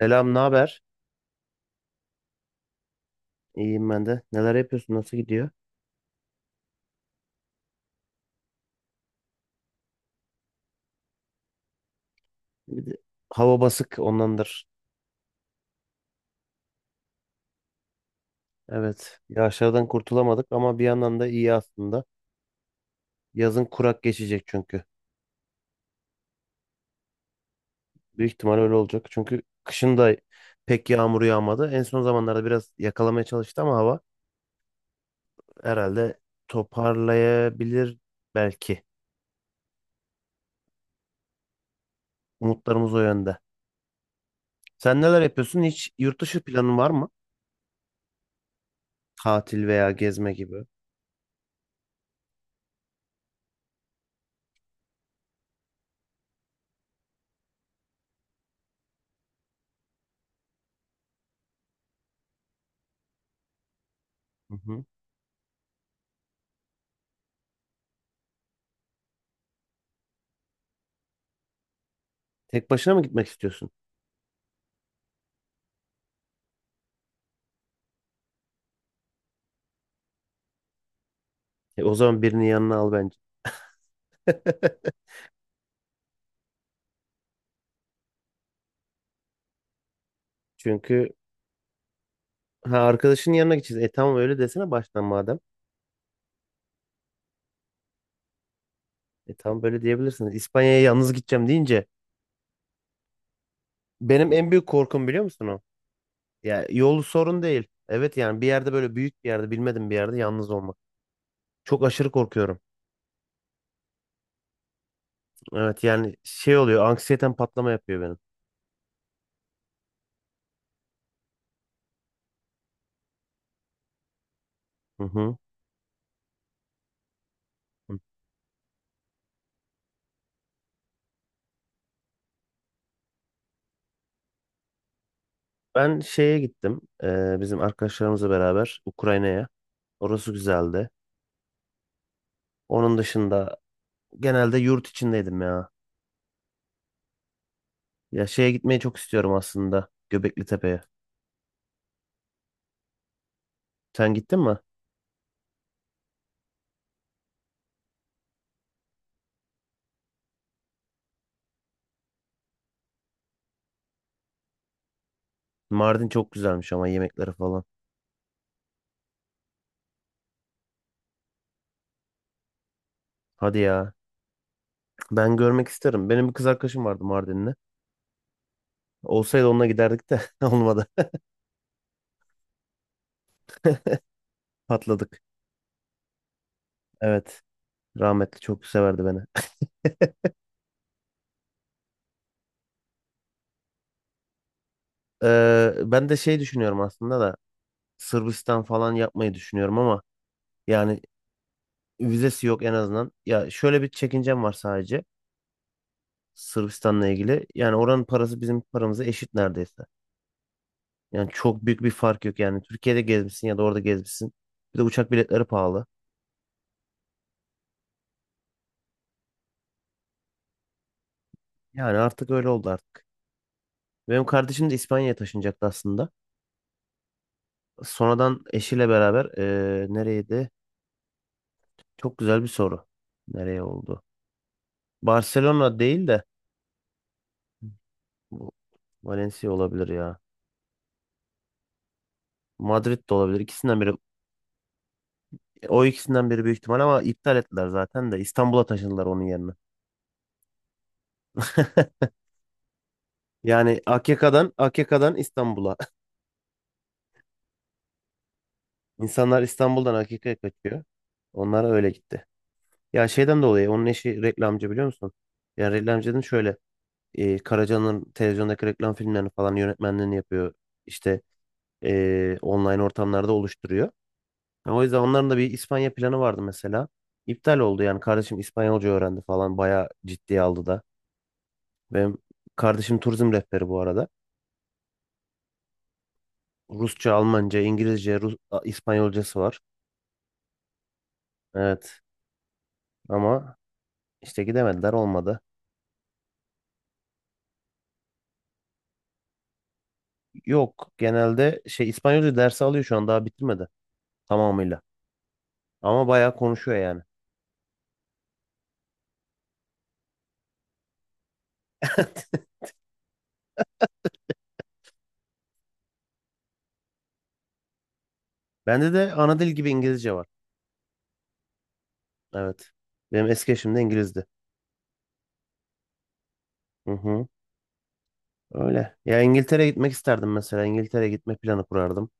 Selam, ne haber? İyiyim ben de. Neler yapıyorsun? Nasıl gidiyor? Bir de hava basık ondandır. Evet. Yağışlardan kurtulamadık ama bir yandan da iyi aslında. Yazın kurak geçecek çünkü. Büyük ihtimal öyle olacak. Çünkü kışın da pek yağmur yağmadı. En son zamanlarda biraz yakalamaya çalıştı ama hava herhalde toparlayabilir belki. Umutlarımız o yönde. Sen neler yapıyorsun? Hiç yurt dışı planın var mı? Tatil veya gezme gibi. Hı hı. Tek başına mı gitmek istiyorsun? O zaman birini yanına al bence. Çünkü ha arkadaşın yanına gideceğiz. E tamam öyle desene baştan madem. E tamam böyle diyebilirsiniz. İspanya'ya yalnız gideceğim deyince benim en büyük korkum biliyor musun o? Ya yolu sorun değil. Evet yani bir yerde böyle büyük bir yerde bilmedim bir yerde yalnız olmak. Çok aşırı korkuyorum. Evet yani şey oluyor anksiyeten patlama yapıyor benim. Hı hı. Ben şeye gittim. Bizim arkadaşlarımızla beraber Ukrayna'ya. Orası güzeldi. Onun dışında genelde yurt içindeydim ya. Ya şeye gitmeyi çok istiyorum aslında. Göbekli Tepe'ye. Sen gittin mi? Mardin çok güzelmiş ama yemekleri falan. Hadi ya. Ben görmek isterim. Benim bir kız arkadaşım vardı Mardinli. Olsaydı onunla giderdik de olmadı. Patladık. Evet. Rahmetli çok severdi beni. Ben de şey düşünüyorum aslında da Sırbistan falan yapmayı düşünüyorum ama yani vizesi yok en azından. Ya şöyle bir çekincem var sadece Sırbistan'la ilgili. Yani oranın parası bizim paramıza eşit neredeyse. Yani çok büyük bir fark yok yani. Türkiye'de gezmişsin ya da orada gezmişsin. Bir de uçak biletleri pahalı. Yani artık öyle oldu artık. Benim kardeşim de İspanya'ya taşınacaktı aslında. Sonradan eşiyle beraber nereydi? Çok güzel bir soru. Nereye oldu? Barcelona değil de bu Valencia olabilir ya. Madrid de olabilir. İkisinden biri. O ikisinden biri büyük ihtimal ama iptal ettiler zaten de. İstanbul'a taşındılar onun yerine. Yani AKK'dan İstanbul'a. İnsanlar İstanbul'dan AKK'ya kaçıyor. Onlar öyle gitti. Ya şeyden dolayı onun eşi reklamcı biliyor musun? Yani reklamcının şöyle Karaca'nın televizyondaki reklam filmlerini falan yönetmenliğini yapıyor. İşte online ortamlarda oluşturuyor. Yani o yüzden onların da bir İspanya planı vardı mesela. İptal oldu yani kardeşim İspanyolca öğrendi falan bayağı ciddiye aldı da. Benim kardeşim turizm rehberi bu arada. Rusça, Almanca, İngilizce, Rus, A- İspanyolcası var. Evet ama işte gidemediler olmadı. Yok genelde şey İspanyolca dersi alıyor şu an daha bitirmedi tamamıyla. Ama bayağı konuşuyor yani. Bende de ana dil gibi İngilizce var. Evet. Benim eski eşim de İngilizdi. Hı hı. Öyle. Ya İngiltere'ye gitmek isterdim mesela. İngiltere'ye gitme planı kurardım.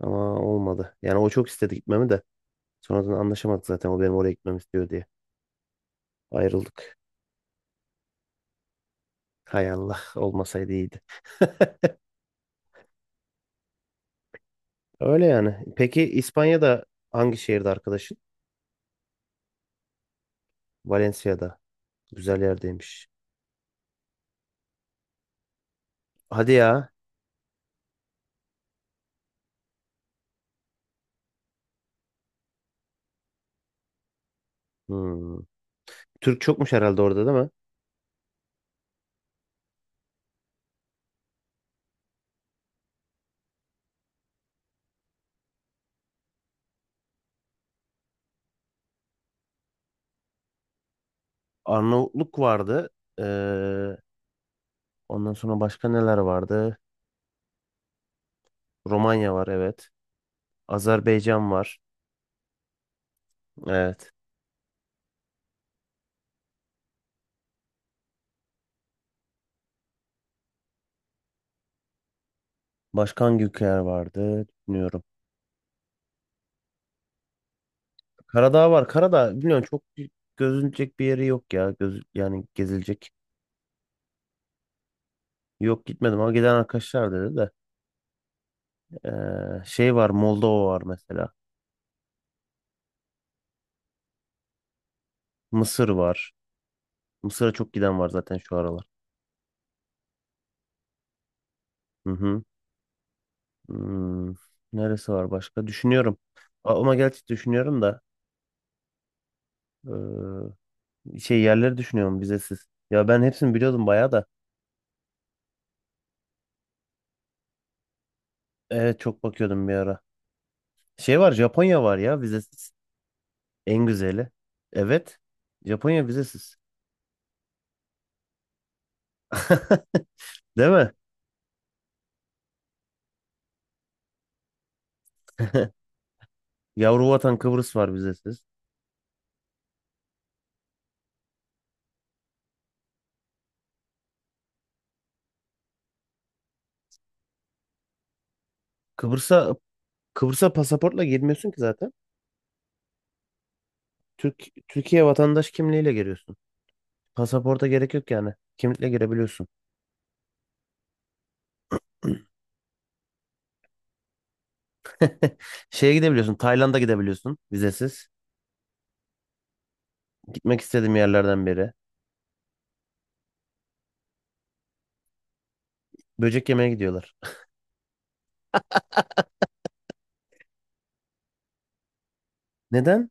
Ama olmadı. Yani o çok istedi gitmemi de. Sonradan anlaşamadık zaten. O benim oraya gitmemi istiyor diye. Ayrıldık. Hay Allah. Olmasaydı iyiydi. Öyle yani. Peki İspanya'da hangi şehirde arkadaşın? Valencia'da. Güzel yerdeymiş. Hadi ya. Hmm. Türk çokmuş herhalde orada değil mi? Arnavutluk vardı. Ee, Ondan sonra başka neler vardı? Romanya var evet. Azerbaycan var. Evet. Başka hangi ülkeler vardı? Bilmiyorum. Karadağ var. Karadağ biliyorsun çok gözülecek bir yeri yok ya. Göz, yani gezilecek. Yok gitmedim ama giden arkadaşlar dedi de. Şey var Moldova var mesela. Mısır var. Mısır'a çok giden var zaten şu aralar. Hı hı. Hmm, neresi var başka? Düşünüyorum. A- Ama gerçi düşünüyorum da ee, şey yerleri düşünüyorum vizesiz. Ya ben hepsini biliyordum bayağı da. Evet çok bakıyordum bir ara. Şey var Japonya var ya vizesiz. En güzeli. Evet. Japonya vizesiz. Değil mi? Yavru vatan Kıbrıs var vizesiz. Kıbrıs'a Kıbrıs'a pasaportla girmiyorsun ki zaten. Türkiye vatandaş kimliğiyle giriyorsun. Pasaporta gerek yok yani. Kimlikle girebiliyorsun. Şeye gidebiliyorsun. Tayland'a gidebiliyorsun vizesiz. Gitmek istediğim yerlerden biri. Böcek yemeye gidiyorlar. Neden?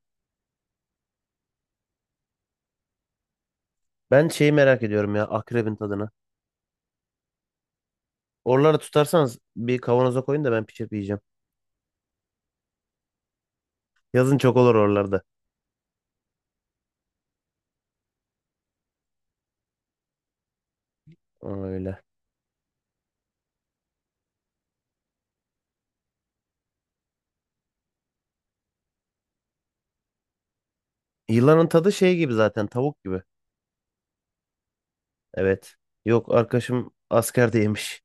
Ben şeyi merak ediyorum ya akrebin tadını. Oraları tutarsanız bir kavanoza koyun da ben pişirip yiyeceğim. Yazın çok olur oralarda. Öyle. Yılanın tadı şey gibi zaten tavuk gibi. Evet. Yok arkadaşım askerde yemiş.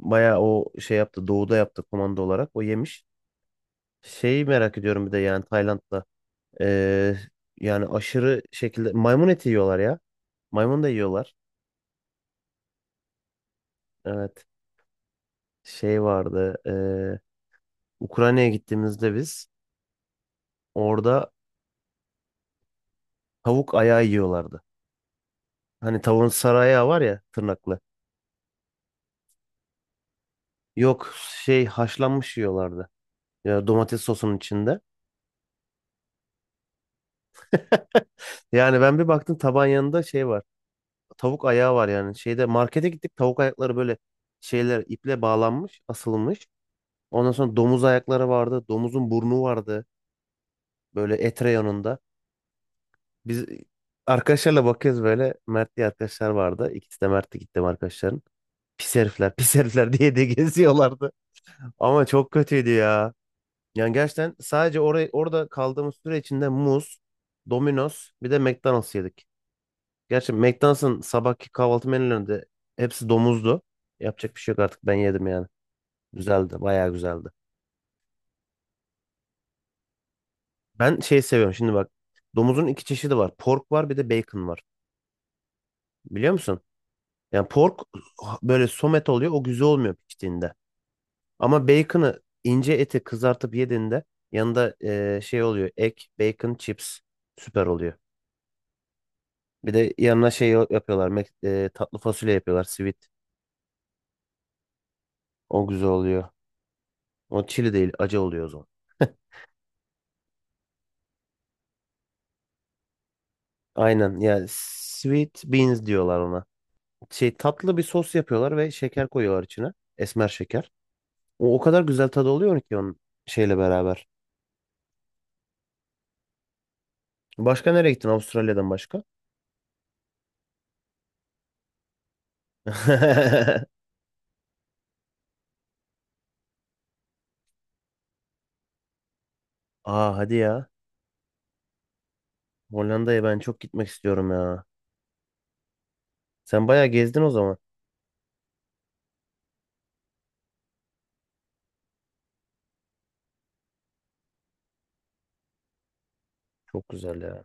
Bayağı o şey yaptı. Doğuda yaptı komando olarak. O yemiş. Şeyi merak ediyorum bir de yani Tayland'da. Ee, Yani aşırı şekilde maymun eti yiyorlar ya. Maymun da yiyorlar. Evet. Şey vardı. Ukrayna'ya gittiğimizde biz orada tavuk ayağı yiyorlardı. Hani tavuğun sarı ayağı var ya tırnaklı. Yok şey haşlanmış yiyorlardı. Ya domates sosunun içinde. Yani ben bir baktım taban yanında şey var. Tavuk ayağı var yani. Şeyde markete gittik tavuk ayakları böyle şeyler iple bağlanmış, asılmış. Ondan sonra domuz ayakları vardı. Domuzun burnu vardı. Böyle et reyonunda. Biz arkadaşlarla bakıyoruz böyle. Mert diye arkadaşlar vardı. İkisi de Mert'ti gittim arkadaşların. Pis herifler, pis herifler diye de geziyorlardı. Ama çok kötüydü ya. Yani gerçekten sadece oraya, orada kaldığımız süre içinde muz, Domino's bir de McDonald's yedik. Gerçi McDonald's'ın sabahki kahvaltı menülerinde hepsi domuzdu. Yapacak bir şey yok artık ben yedim yani. Güzeldi, bayağı güzeldi. Ben şey seviyorum şimdi bak. Domuzun iki çeşidi var. Pork var bir de bacon var. Biliyor musun? Yani pork böyle somet oluyor. O güzel olmuyor piştiğinde. Ama bacon'ı ince eti kızartıp yediğinde yanında şey oluyor. Ek, bacon, chips. Süper oluyor. Bir de yanına şey yapıyorlar. Mac- tatlı fasulye yapıyorlar. Sweet. O güzel oluyor. O çili değil acı oluyor o zaman. Aynen yani sweet beans diyorlar ona. Şey tatlı bir sos yapıyorlar ve şeker koyuyorlar içine. Esmer şeker. O kadar güzel tadı oluyor ki onun şeyle beraber. Başka nereye gittin Avustralya'dan başka? Aa hadi ya. Hollanda'ya ben çok gitmek istiyorum ya. Sen bayağı gezdin o zaman. Çok güzel ya.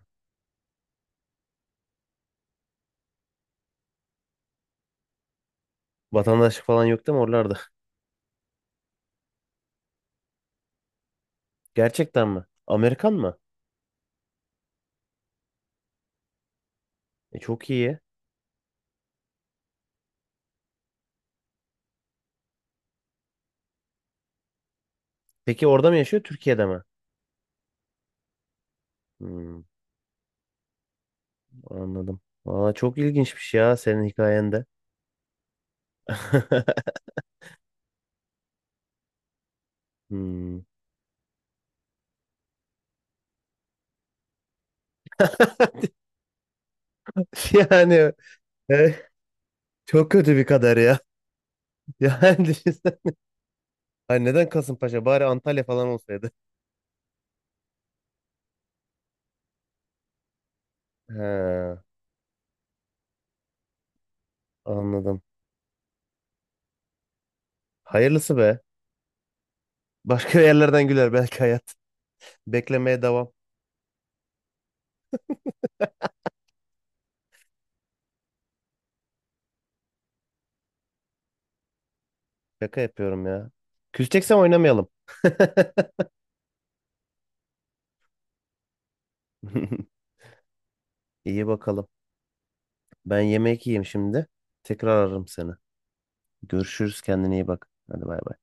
Vatandaşlık falan yok değil mi oralarda? Gerçekten mi? Amerikan mı? E, çok iyi. Peki orada mı yaşıyor Türkiye'de mi? Hmm, anladım. Valla çok ilginçmiş ya senin hikayende. Hmm. Yani e, çok kötü bir kader ya. Yani düşünsene. Ay neden Kasımpaşa? Bari Antalya falan olsaydı. He, anladım. Hayırlısı be. Başka yerlerden güler belki hayat. Beklemeye devam. Şaka yapıyorum ya. Küseceksem oynamayalım. İyi bakalım. Ben yemek yiyeyim şimdi. Tekrar ararım seni. Görüşürüz. Kendine iyi bak. Hadi bay bay.